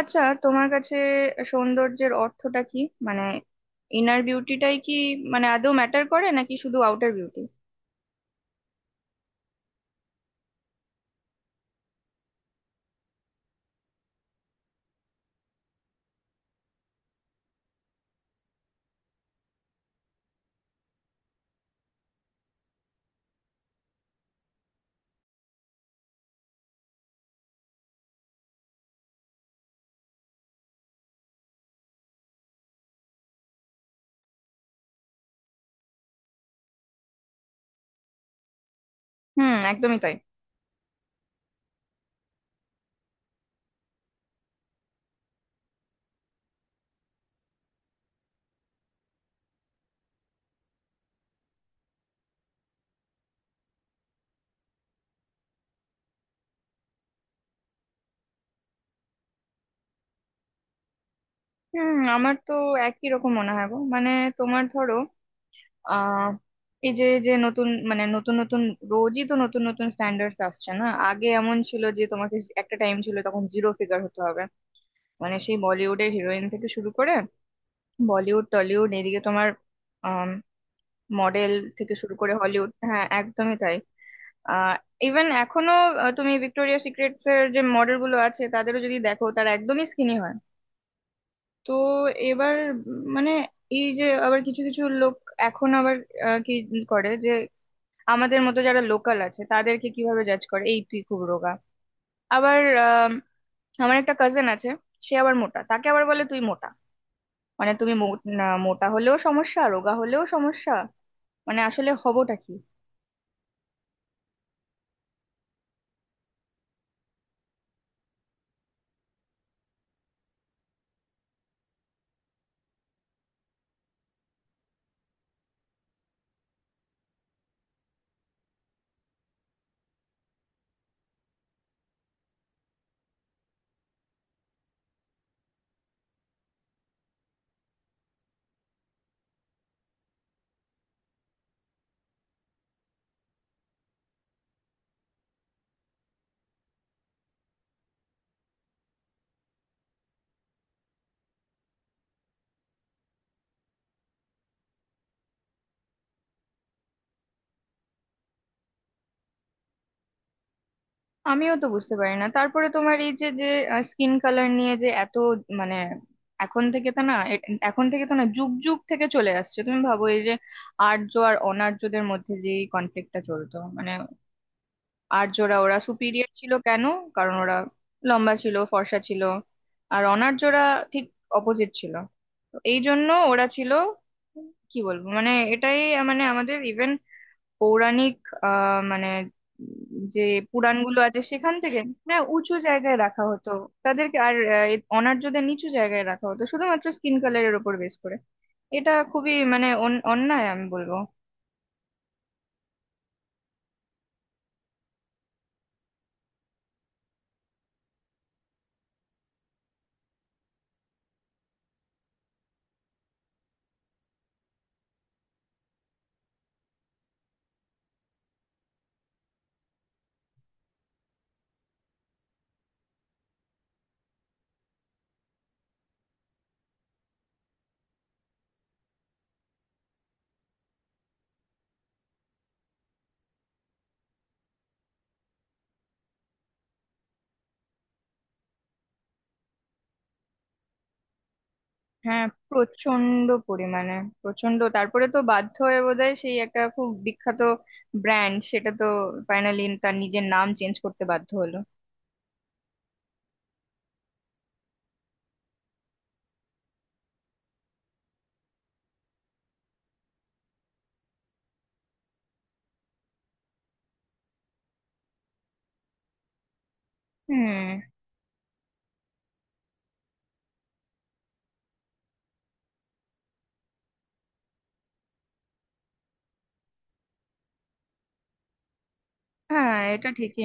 আচ্ছা, তোমার কাছে সৌন্দর্যের অর্থটা কি? মানে ইনার বিউটিটাই কি? মানে আদৌ ম্যাটার করে নাকি শুধু আউটার বিউটি? হুম, একদমই তাই। হুম, আমার তো একই রকম মনে হয় গো। মানে তোমার ধরো, আহ এই যে যে নতুন, মানে নতুন নতুন, রোজই তো নতুন নতুন স্ট্যান্ডার্ডস আসছে না। আগে এমন ছিল যে তোমাকে, একটা টাইম ছিল তখন জিরো ফিগার হতে হবে। মানে সেই বলিউডের হিরোইন থেকে শুরু করে বলিউড, টলিউড, এদিকে তোমার মডেল থেকে শুরু করে হলিউড। হ্যাঁ, একদমই তাই। আহ ইভেন এখনো তুমি ভিক্টোরিয়া সিক্রেটস এর যে মডেল গুলো আছে তাদেরও যদি দেখো, তারা একদমই স্কিনি হয়। তো এবার মানে এই যে আবার কিছু কিছু লোক এখন আবার কি করে যে, আমাদের মতো যারা লোকাল আছে তাদেরকে কিভাবে জাজ করে, এই তুই খুব রোগা। আবার আমার একটা কাজিন আছে, সে আবার মোটা, তাকে আবার বলে তুই মোটা। মানে না, মোটা হলেও সমস্যা, রোগা হলেও সমস্যা। মানে আসলে হবটা কি? আমিও তো বুঝতে পারি না। তারপরে তোমার এই যে যে স্কিন কালার নিয়ে যে এত, মানে এখন থেকে তো না এ- এখন থেকে তো না, যুগ যুগ থেকে চলে আসছে। তুমি ভাবো এই যে আর্য আর অনার্যদের মধ্যে যে কনফ্লিক্টটা চলতো, মানে আর্যরা, ওরা সুপিরিয়র ছিল কেন? কারণ ওরা লম্বা ছিল, ফর্সা ছিল, আর অনার্যরা ঠিক অপোজিট ছিল। তো এই জন্য ওরা ছিল, কি বলবো, মানে এটাই। মানে আমাদের ইভেন পৌরাণিক, মানে যে পুরাণগুলো আছে সেখান থেকে। না, উঁচু জায়গায় রাখা হতো তাদেরকে, আর অনার্যদের নিচু জায়গায় রাখা হতো শুধুমাত্র স্কিন কালারের উপর বেস করে। এটা খুবই মানে অন্যায় আমি বলবো। হ্যাঁ, প্রচন্ড পরিমাণে। প্রচন্ড, তারপরে তো বাধ্য হয়ে বোধহয় সেই একটা খুব বিখ্যাত ব্র্যান্ড, সেটা তো ফাইনালি তার নিজের নাম চেঞ্জ করতে বাধ্য হলো। হুম। হ্যাঁ, এটা ঠিকই।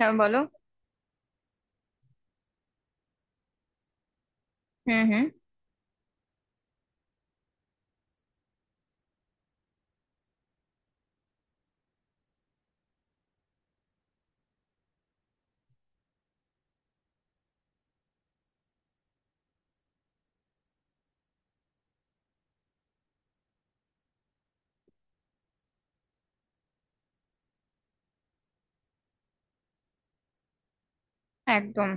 হ্যাঁ বলো। হুম হুম। একদম।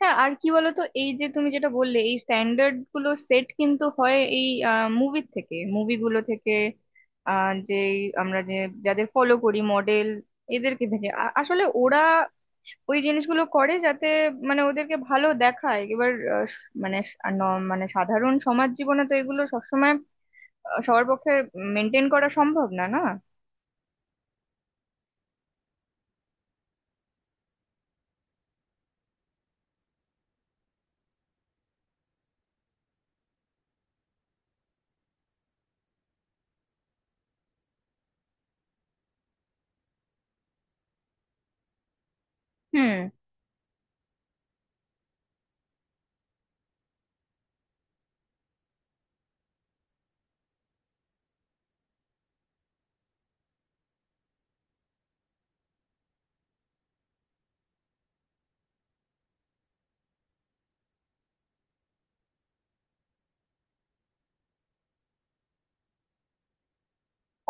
হ্যাঁ, আর কি বলতো, এই যে তুমি যেটা বললে, এই স্ট্যান্ডার্ড গুলো সেট কিন্তু হয় এই মুভির থেকে মুভিগুলো থেকে, যে আমরা যে যাদের ফলো করি, মডেল এদেরকে থেকে, আসলে ওরা ওই জিনিসগুলো করে যাতে মানে ওদেরকে ভালো দেখায়। এবার আহ, স- মানে স- আর ন- মানে সাধারণ সমাজ জীবনে তো এগুলো সবসময় সবার পক্ষে মেনটেন করা সম্ভব না না। হুম।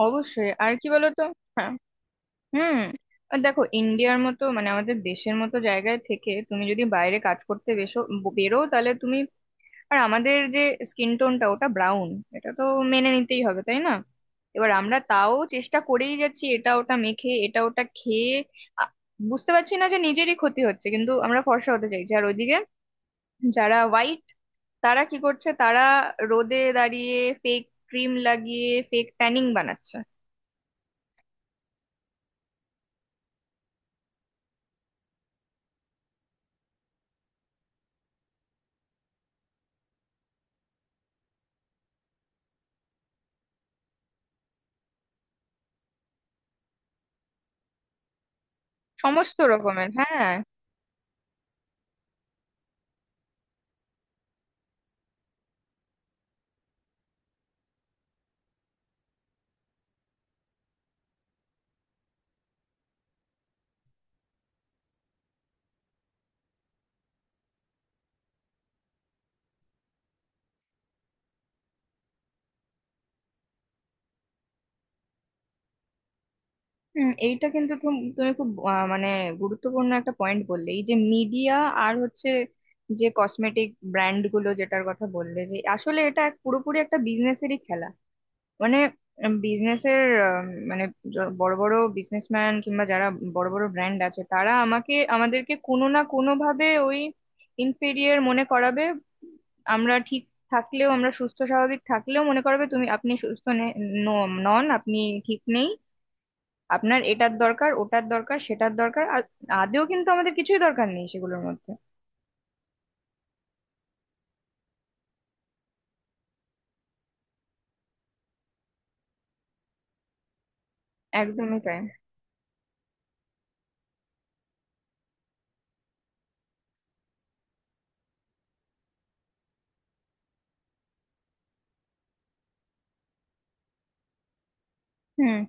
অবশ্যই, আর কি বলতো। হ্যাঁ, হুম। আর দেখো ইন্ডিয়ার মতো, মানে আমাদের দেশের মতো জায়গায় থেকে তুমি যদি বাইরে কাজ করতে বেরো, তাহলে তুমি, আর আমাদের যে স্কিন টোনটা, ওটা ব্রাউন। এটা তো মেনে নিতেই হবে তাই না। এবার আমরা তাও চেষ্টা করেই যাচ্ছি এটা ওটা মেখে, এটা ওটা খেয়ে। আ- বুঝতে পারছি না যে নিজেরই ক্ষতি হচ্ছে, কিন্তু আমরা ফর্সা হতে চাইছি। আর ওইদিকে যারা হোয়াইট, তারা কি করছে? তারা রোদে দাঁড়িয়ে ফেক ক্রিম লাগিয়ে ফেক ট্যানিং বানাচ্ছে। সমস্ত রকমের, হ্যাঁ। হুম, এইটা কিন্তু তুমি খুব মানে গুরুত্বপূর্ণ একটা পয়েন্ট বললে, এই যে মিডিয়া, আর হচ্ছে যে কসমেটিক ব্র্যান্ড গুলো যেটার কথা বললে, যে আসলে এটা পুরোপুরি একটা বিজনেসেরই খেলা। মানে বিজনেসের, মানে বড় বড় বিজনেসম্যান কিংবা যারা বড় বড় ব্র্যান্ড আছে, তারা আমাদেরকে কোনো না কোনো ভাবে ওই ইনফেরিয়ার মনে করাবে। আমরা ঠিক থাকলেও, আমরা সুস্থ স্বাভাবিক থাকলেও মনে করাবে আপনি সুস্থ নন, আপনি ঠিক নেই। আপনার এটার দরকার, ওটার দরকার, সেটার দরকার। আর আদেও কিন্তু আমাদের কিছুই দরকার নেই সেগুলোর মধ্যে। একদমই তাই। হুম,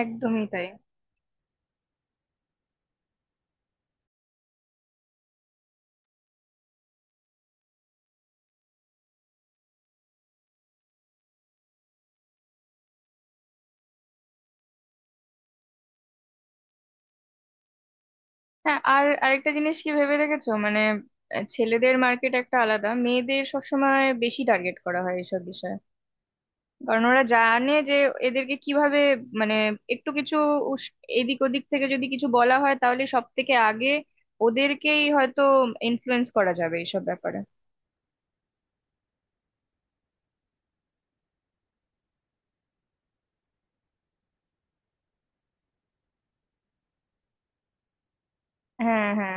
একদমই তাই। হ্যাঁ, আর আরেকটা জিনিস কি ভেবে দেখেছো? মানে ছেলেদের মার্কেট একটা আলাদা, মেয়েদের সবসময় বেশি টার্গেট করা হয় এইসব বিষয়ে। কারণ ওরা জানে যে এদেরকে কিভাবে, মানে একটু কিছু এদিক ওদিক থেকে যদি কিছু বলা হয়, তাহলে সব থেকে আগে ওদেরকেই হয়তো ইনফ্লুয়েন্স করা যাবে এইসব ব্যাপারে। হ্যাঁ হ্যাঁ।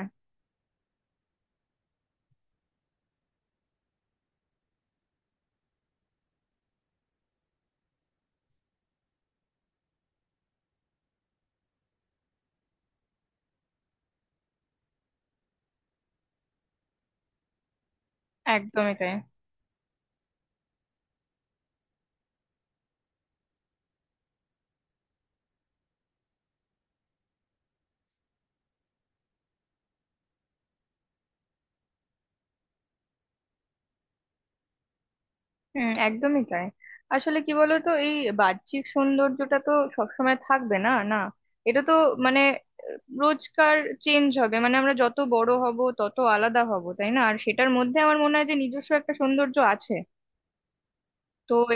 একদমই তাই। হুম, একদমই তাই। আসলে কি বলতো, এই বাহ্যিক সৌন্দর্যটা তো সবসময় থাকবে না না। এটা তো মানে রোজকার চেঞ্জ হবে, মানে আমরা যত বড় হব তত আলাদা হব তাই না? আর সেটার মধ্যে আমার মনে হয় যে নিজস্ব একটা সৌন্দর্য আছে। তো।